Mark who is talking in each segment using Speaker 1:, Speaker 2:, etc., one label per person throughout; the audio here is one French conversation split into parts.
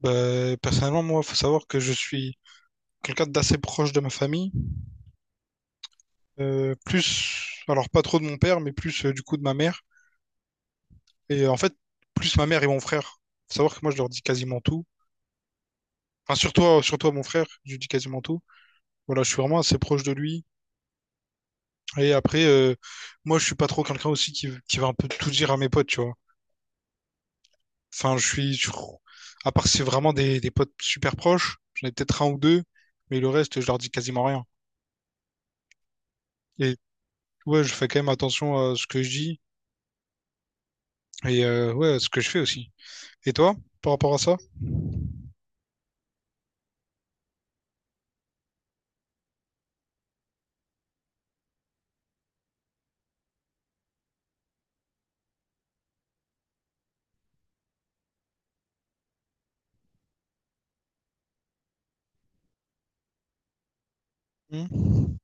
Speaker 1: Bah, personnellement, moi, faut savoir que je suis quelqu'un d'assez proche de ma famille. Plus, alors pas trop de mon père, mais plus du coup de ma mère. Et en fait, plus ma mère et mon frère. Faut savoir que moi, je leur dis quasiment tout. Enfin, surtout, surtout à mon frère, je lui dis quasiment tout. Voilà, je suis vraiment assez proche de lui. Et après, moi, je suis pas trop quelqu'un aussi qui va un peu tout dire à mes potes, tu vois. Enfin, à part si c'est vraiment des potes super proches, j'en ai peut-être un ou deux, mais le reste, je leur dis quasiment rien. Et ouais, je fais quand même attention à ce que je dis. Et ouais, ce que je fais aussi. Et toi, par rapport à ça? Hmm.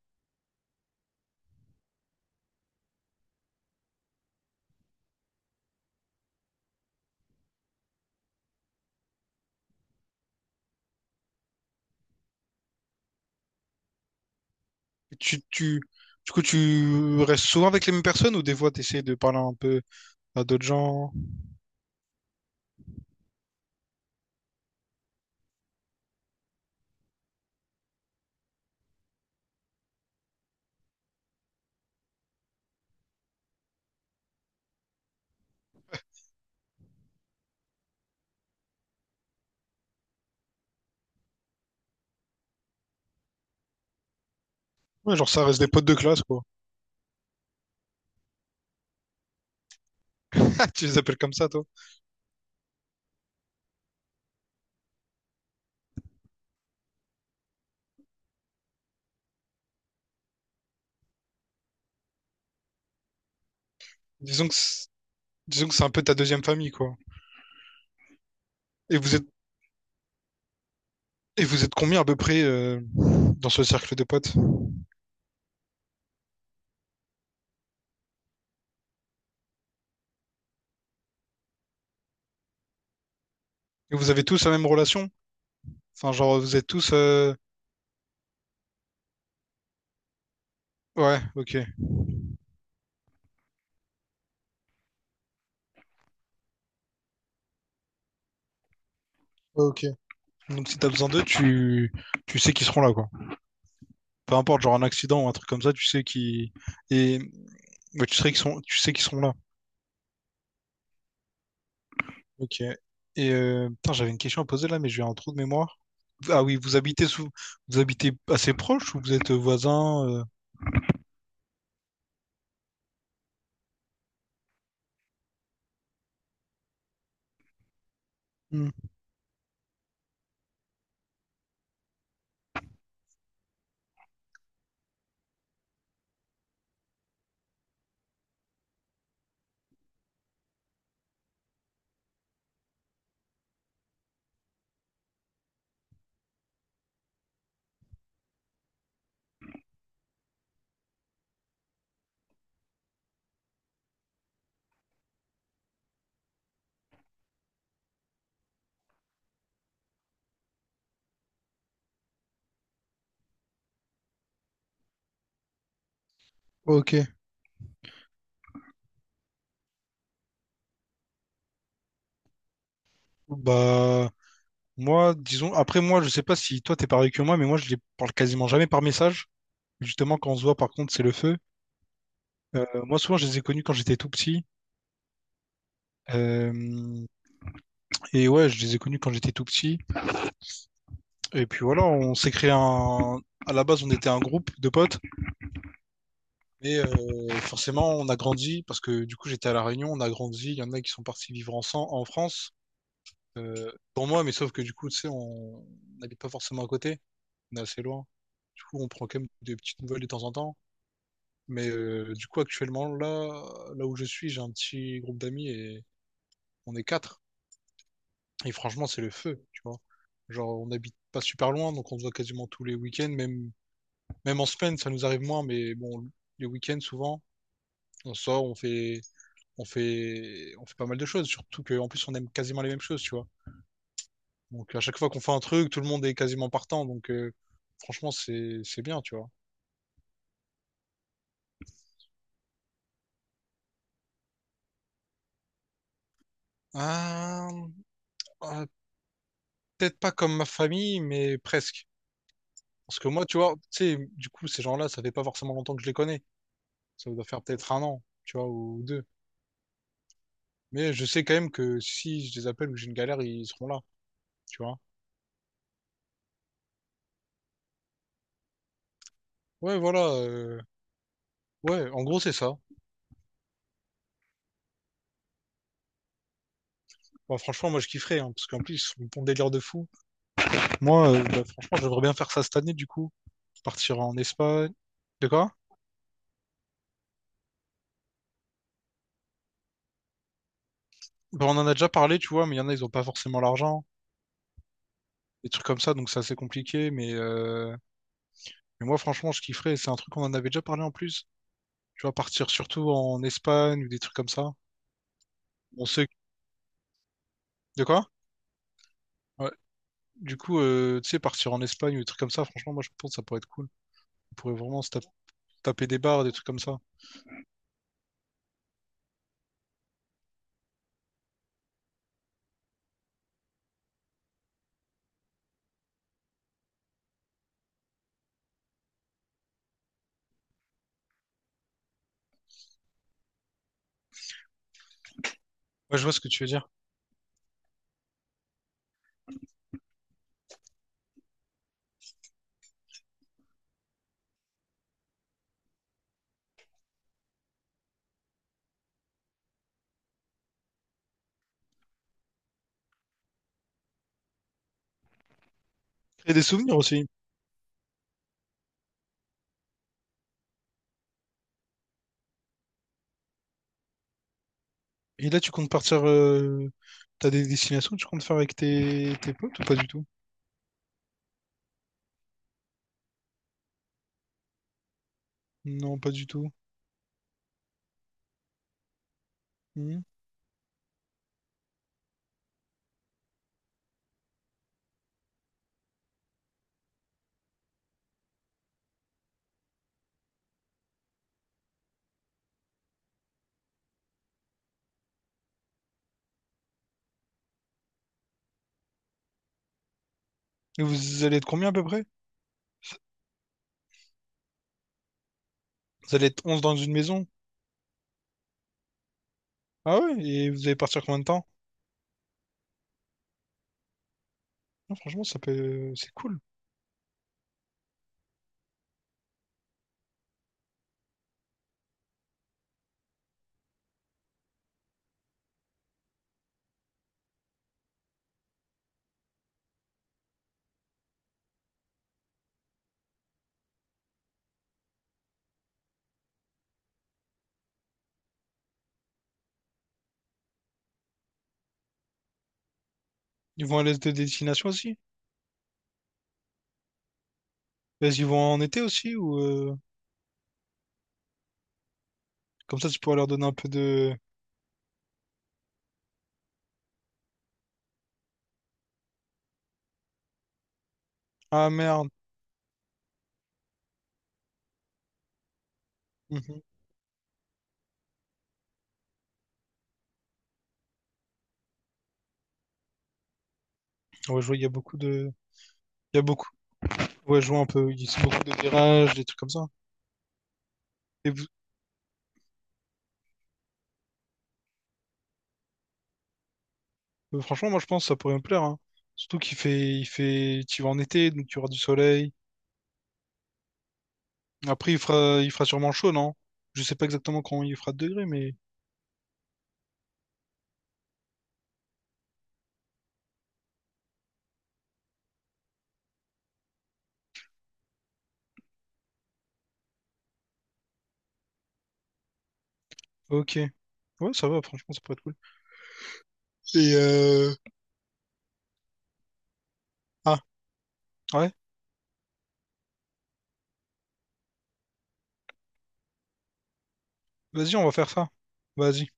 Speaker 1: Et Tu, tu, du coup, tu restes souvent avec les mêmes personnes ou des fois tu essaies de parler un peu à d'autres gens? Ouais, genre ça reste des potes de classe, quoi. Tu les appelles comme ça, toi? Disons que c'est- Disons que c'est un peu ta deuxième famille, quoi. Et vous êtes et vous êtes combien à peu près dans ce cercle de potes? Et vous avez tous la même relation? Enfin, genre vous êtes tous ouais, ok, ouais, ok. Donc si t'as besoin d'eux, tu sais qu'ils seront là, quoi. Peu importe, genre un accident ou un truc comme ça, tu sais qu'ils et ouais, tu sais qu'ils seront là. Ok. Et putain, j'avais une question à poser là, mais j'ai un trou de mémoire. Ah oui, vous habitez assez proche ou vous êtes voisins? Hmm. Ok. Bah, moi, disons, après moi, je sais pas si toi t'es pareil que moi, mais moi je les parle quasiment jamais par message. Justement, quand on se voit, par contre, c'est le feu. Moi, souvent, je les ai connus quand j'étais tout petit. Euh, et ouais, je les ai connus quand j'étais tout petit. Et puis voilà, on s'est créé un. À la base, on était un groupe de potes, mais forcément, on a grandi parce que du coup, j'étais à La Réunion, on a grandi. Il y en a qui sont partis vivre ensemble en France. Pour moi, mais sauf que du coup, tu sais, on n'habite pas forcément à côté. On est assez loin. Du coup, on prend quand même des petites nouvelles de temps en temps. Mais du coup, actuellement, là où je suis, j'ai un petit groupe d'amis et on est quatre. Et franchement, c'est le feu, tu vois. Genre, on n'habite pas super loin, donc on se voit quasiment tous les week-ends, même en semaine, ça nous arrive moins, mais bon, les week-ends, souvent, on sort, on fait pas mal de choses, surtout qu'en plus, on aime quasiment les mêmes choses, tu vois. Donc, à chaque fois qu'on fait un truc, tout le monde est quasiment partant, donc franchement, c'est bien, tu vois. Ah, ah, peut-être pas comme ma famille, mais presque. Parce que moi, tu vois, tu sais, du coup, ces gens-là, ça fait pas forcément longtemps que je les connais. Ça doit faire peut-être un an, tu vois, ou deux. Mais je sais quand même que si je les appelle ou que j'ai une galère, ils seront là, tu vois. Ouais, voilà. Ouais, en gros, c'est ça. Bah, franchement, moi, je kifferais, hein, parce qu'en plus, ils sont bon délire de fou. Moi, bah, franchement, j'aimerais bien faire ça cette année, du coup. Partir en Espagne. De quoi? Bah, on en a déjà parlé, tu vois, mais il y en a, ils ont pas forcément l'argent. Des trucs comme ça, donc c'est assez compliqué. Mais moi, franchement, je kifferais. C'est un truc qu'on en avait déjà parlé en plus. Tu vois, partir surtout en Espagne ou des trucs comme ça. On sait... De quoi? Ouais. Du coup, tu sais, partir en Espagne ou des trucs comme ça, franchement, moi, je pense que ça pourrait être cool. On pourrait vraiment se taper des bars, des trucs comme ça. Ouais, je vois ce que tu veux dire. Créer des souvenirs aussi. Et là, tu comptes partir. T'as des destinations que tu comptes faire avec tes potes ou pas du tout? Non, pas du tout. Hmm. Et vous allez être combien à peu près? Vous allez être 11 dans une maison? Ah ouais? Et vous allez partir combien de temps? Non, franchement, c'est cool. Ils vont à l'est de destination aussi? Ils vont en été aussi Comme ça, tu pourras leur donner un peu de... Ah merde. Mhm. Ouais, je vois, il y a beaucoup de... Il y a beaucoup... Ouais, je vois un peu... Il y a beaucoup de virages, des trucs comme ça. Et vous- Franchement, moi, je pense que ça pourrait me plaire, hein. Surtout qu'il fait... Il fait... tu vas en été, donc tu auras du soleil. Après, il fera sûrement chaud, non? Je sais pas exactement quand il fera de degrés, mais... Ok. Ouais, ça va, franchement, ça pourrait être cool. Et euh... Ah, ouais. Vas-y, on va faire ça. Vas-y.